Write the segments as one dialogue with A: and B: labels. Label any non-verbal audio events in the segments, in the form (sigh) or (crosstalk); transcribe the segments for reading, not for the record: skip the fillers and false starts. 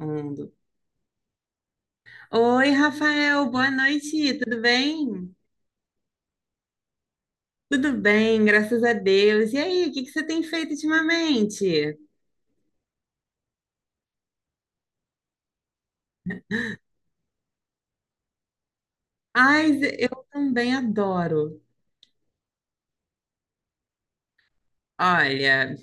A: Ando. Oi, Rafael, boa noite, tudo bem? Tudo bem, graças a Deus. E aí, o que que você tem feito ultimamente? Ai, Zé, eu também adoro. Olha,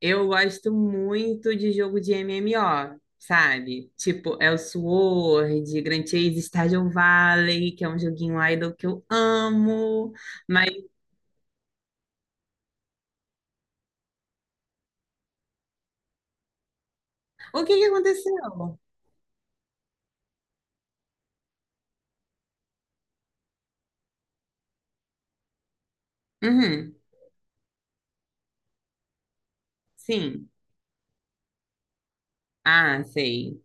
A: eu gosto muito de jogo de MMO, sabe? Tipo Elsword, Grand Chase, Stardew Valley, que é um joguinho idle que eu amo. Mas o que que aconteceu? Uhum, sim. Ah, sei.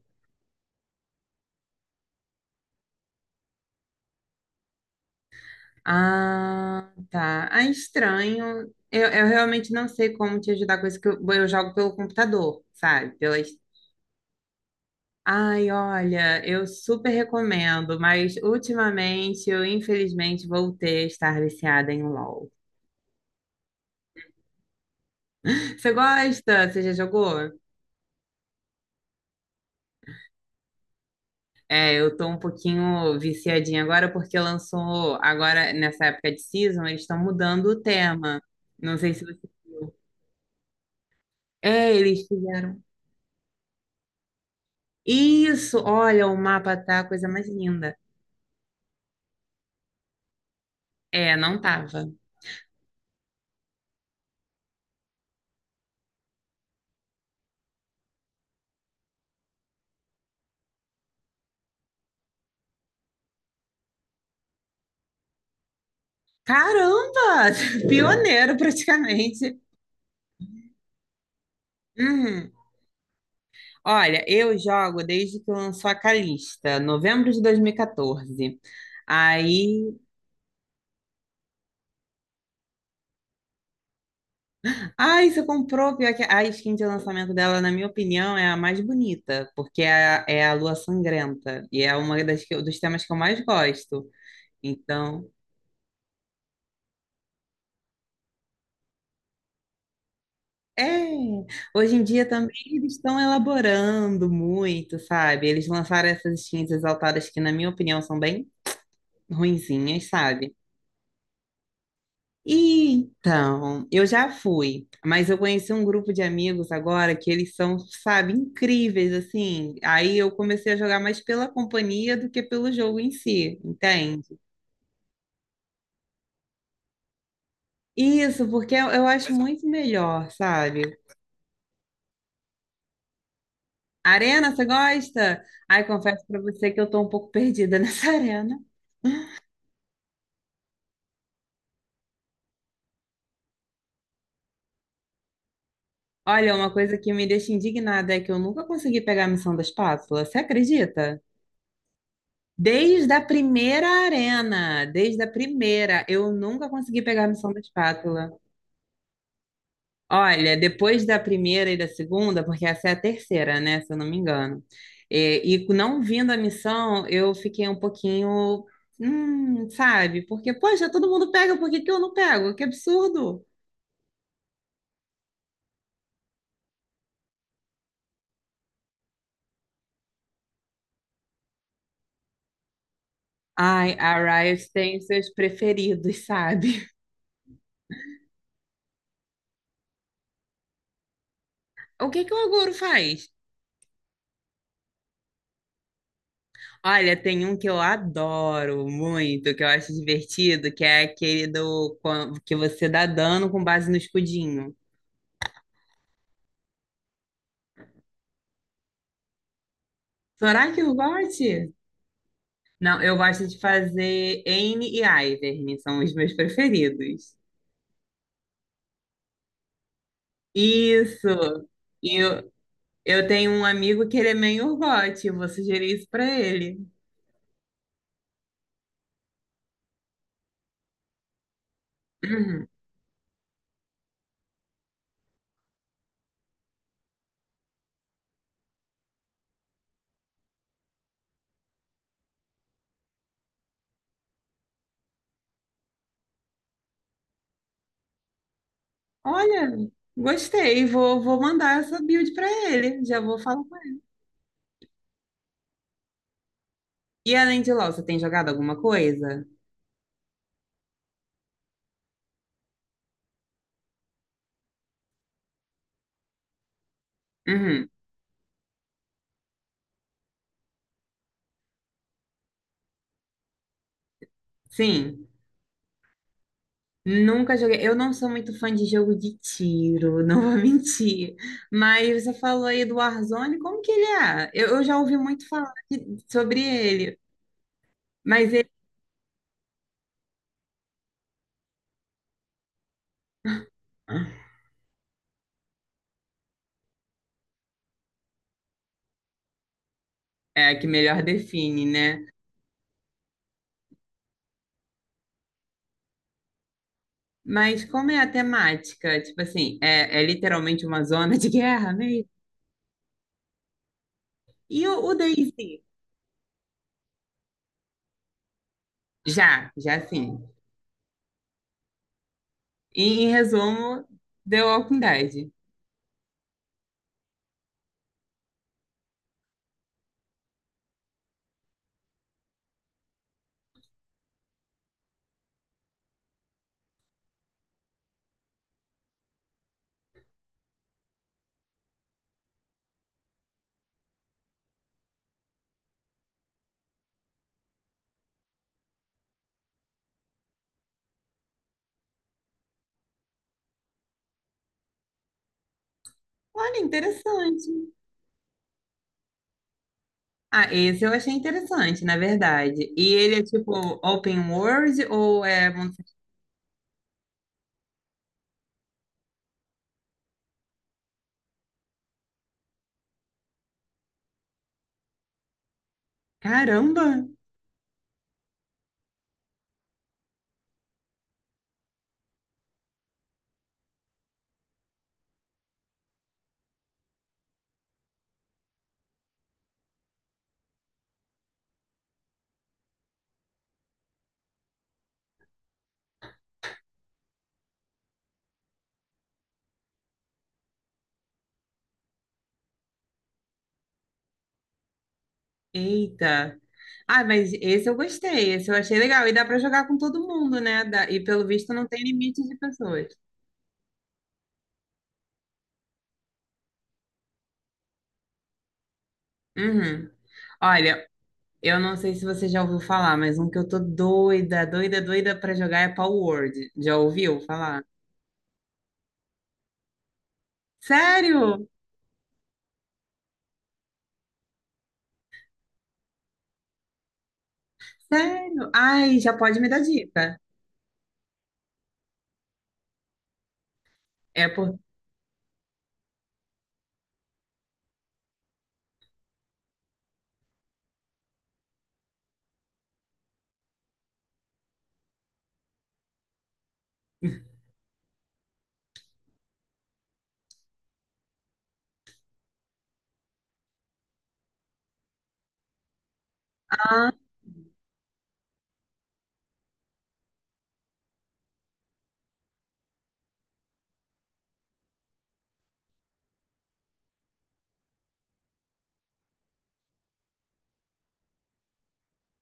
A: Ah, tá. Ah, estranho. Eu realmente não sei como te ajudar com isso, que eu jogo pelo computador, sabe? Pelas... Ai, olha, eu super recomendo, mas ultimamente eu infelizmente voltei a estar viciada em LOL. Você gosta? Você já jogou? É, eu tô um pouquinho viciadinha agora porque lançou, agora nessa época de season, eles estão mudando o tema. Não sei se você viu. É, eles fizeram. Isso, olha, o mapa tá a coisa mais linda. É, não tava. Caramba! (laughs) Pioneiro praticamente. Uhum. Olha, eu jogo desde que lançou a Calista, novembro de 2014. Aí, ai, você comprou, pior que a skin de lançamento dela, na minha opinião, é a mais bonita, porque é a Lua Sangrenta, e é uma das que eu- dos temas que eu mais gosto. Então, é, hoje em dia também eles estão elaborando muito, sabe? Eles lançaram essas skins exaltadas que, na minha opinião, são bem ruinzinhas, sabe? Então, eu já fui, mas eu conheci um grupo de amigos agora que eles são, sabe, incríveis, assim. Aí eu comecei a jogar mais pela companhia do que pelo jogo em si, entende? Isso, porque eu acho muito melhor, sabe? Arena, você gosta? Ai, confesso pra você que eu tô um pouco perdida nessa (laughs) arena. Olha, uma coisa que me deixa indignada é que eu nunca consegui pegar a missão da espátula. Você acredita? Desde a primeira arena, desde a primeira, eu nunca consegui pegar a missão da espátula. Olha, depois da primeira e da segunda, porque essa é a terceira, né? Se eu não me engano. É. E, não vindo a missão, eu fiquei um pouquinho, sabe? Porque, poxa, todo mundo pega, por que que eu não pego? Que absurdo! Ai, a Riot tem seus preferidos, sabe? (laughs) O que que o Aguro faz? Olha, tem um que eu adoro muito, que eu acho divertido, que é aquele do quan- que você dá dano com base no escudinho. Será que eu goste? Não, eu gosto de fazer Anne e Ivern, são os meus preferidos. Isso! E eu, eu tenho um amigo que ele é meio Urgot, eu vou sugerir isso pra ele. (clears throat) Uhum. Olha, gostei, vou mandar essa build pra ele, já vou falar com ele. E além de LoL, você tem jogado alguma coisa? Uhum. Sim. Nunca joguei. Eu não sou muito fã de jogo de tiro, não vou (laughs) mentir. Mas você falou aí do Warzone, como que ele é? Eu já ouvi muito falar de- sobre ele, mas ele é a que melhor define, né? Mas como é a temática? Tipo assim, é, é literalmente uma zona de (laughs) guerra mesmo? E o DayZ? Já, já sim. E, em resumo, The Walking Dead. Olha, interessante. Ah, esse eu achei interessante, na verdade. E ele é tipo open world ou é. Mundo- Caramba! Eita! Ah, mas esse eu gostei, esse eu achei legal. E dá pra jogar com todo mundo, né? Dá- E pelo visto não tem limite de pessoas. Uhum. Olha, eu não sei se você já ouviu falar, mas um que eu tô doida, doida, doida pra jogar é Power Word. Já ouviu falar? Sério? Sério? Ai, já pode me dar dica. É por...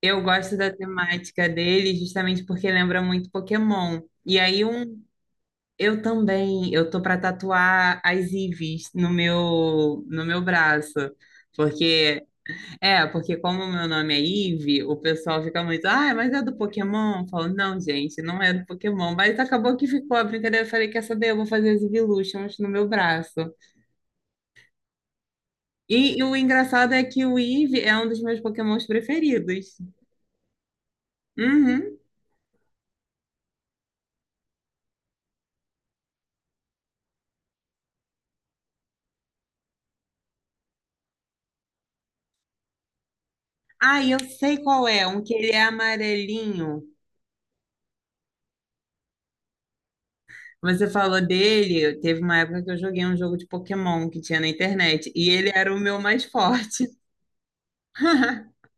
A: Eu gosto da temática dele justamente porque lembra muito Pokémon. E aí um, eu também, eu tô para tatuar as Eevees no meu braço. Porque é, porque como o meu nome é Eve, o pessoal fica muito, ah, mas é do Pokémon? Eu falo, não, gente, não é do Pokémon. Mas acabou que ficou a brincadeira. Eu falei, quer saber? Eu vou fazer as Eeveelutions no meu braço. E o engraçado é que o Eve é um dos meus Pokémons preferidos. Uhum. Ah, eu sei qual é, um que ele é amarelinho. Você falou dele, teve uma época que eu joguei um jogo de Pokémon que tinha na internet, e ele era o meu mais forte. (laughs)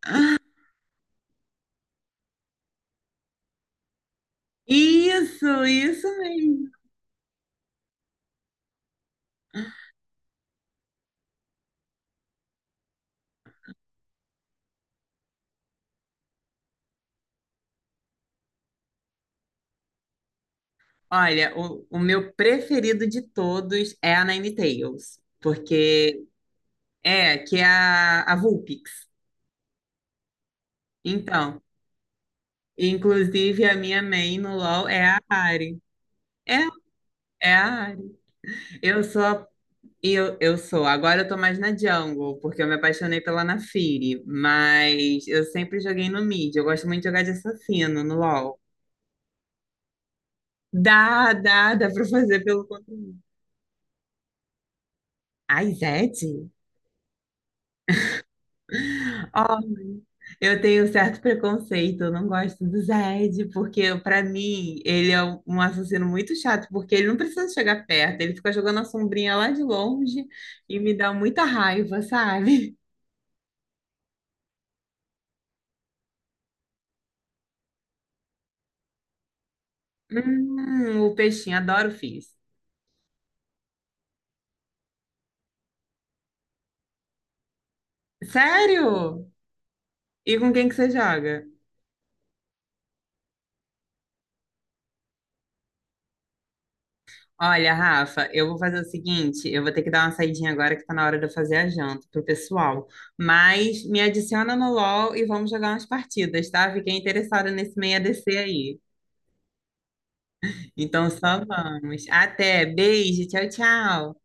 A: Isso mesmo. Olha, o meu preferido de todos é a Ninetales, porque é, que é a Vulpix. Então, inclusive a minha main no LoL é a Ari. É, é a Ari. Eu sou eu sou, agora eu tô mais na Jungle, porque eu me apaixonei pela Naafiri, mas eu sempre joguei no mid, eu gosto muito de jogar de assassino no LoL. Dá, dá, dá pra fazer pelo conteúdo. Ai, Zed? Ó, eu tenho certo preconceito, eu não gosto do Zed, porque pra mim ele é um assassino muito chato, porque ele não precisa chegar perto, ele fica jogando a sombrinha lá de longe e me dá muita raiva, sabe? O peixinho, adoro o Fizz. Sério? E com quem que você joga? Olha, Rafa, eu vou fazer o seguinte, eu vou ter que dar uma saidinha agora que tá na hora de eu fazer a janta pro pessoal. Mas me adiciona no LOL e vamos jogar umas partidas, tá? Fiquei interessada nesse meio a ADC aí. Então só vamos. Até, beijo, tchau, tchau.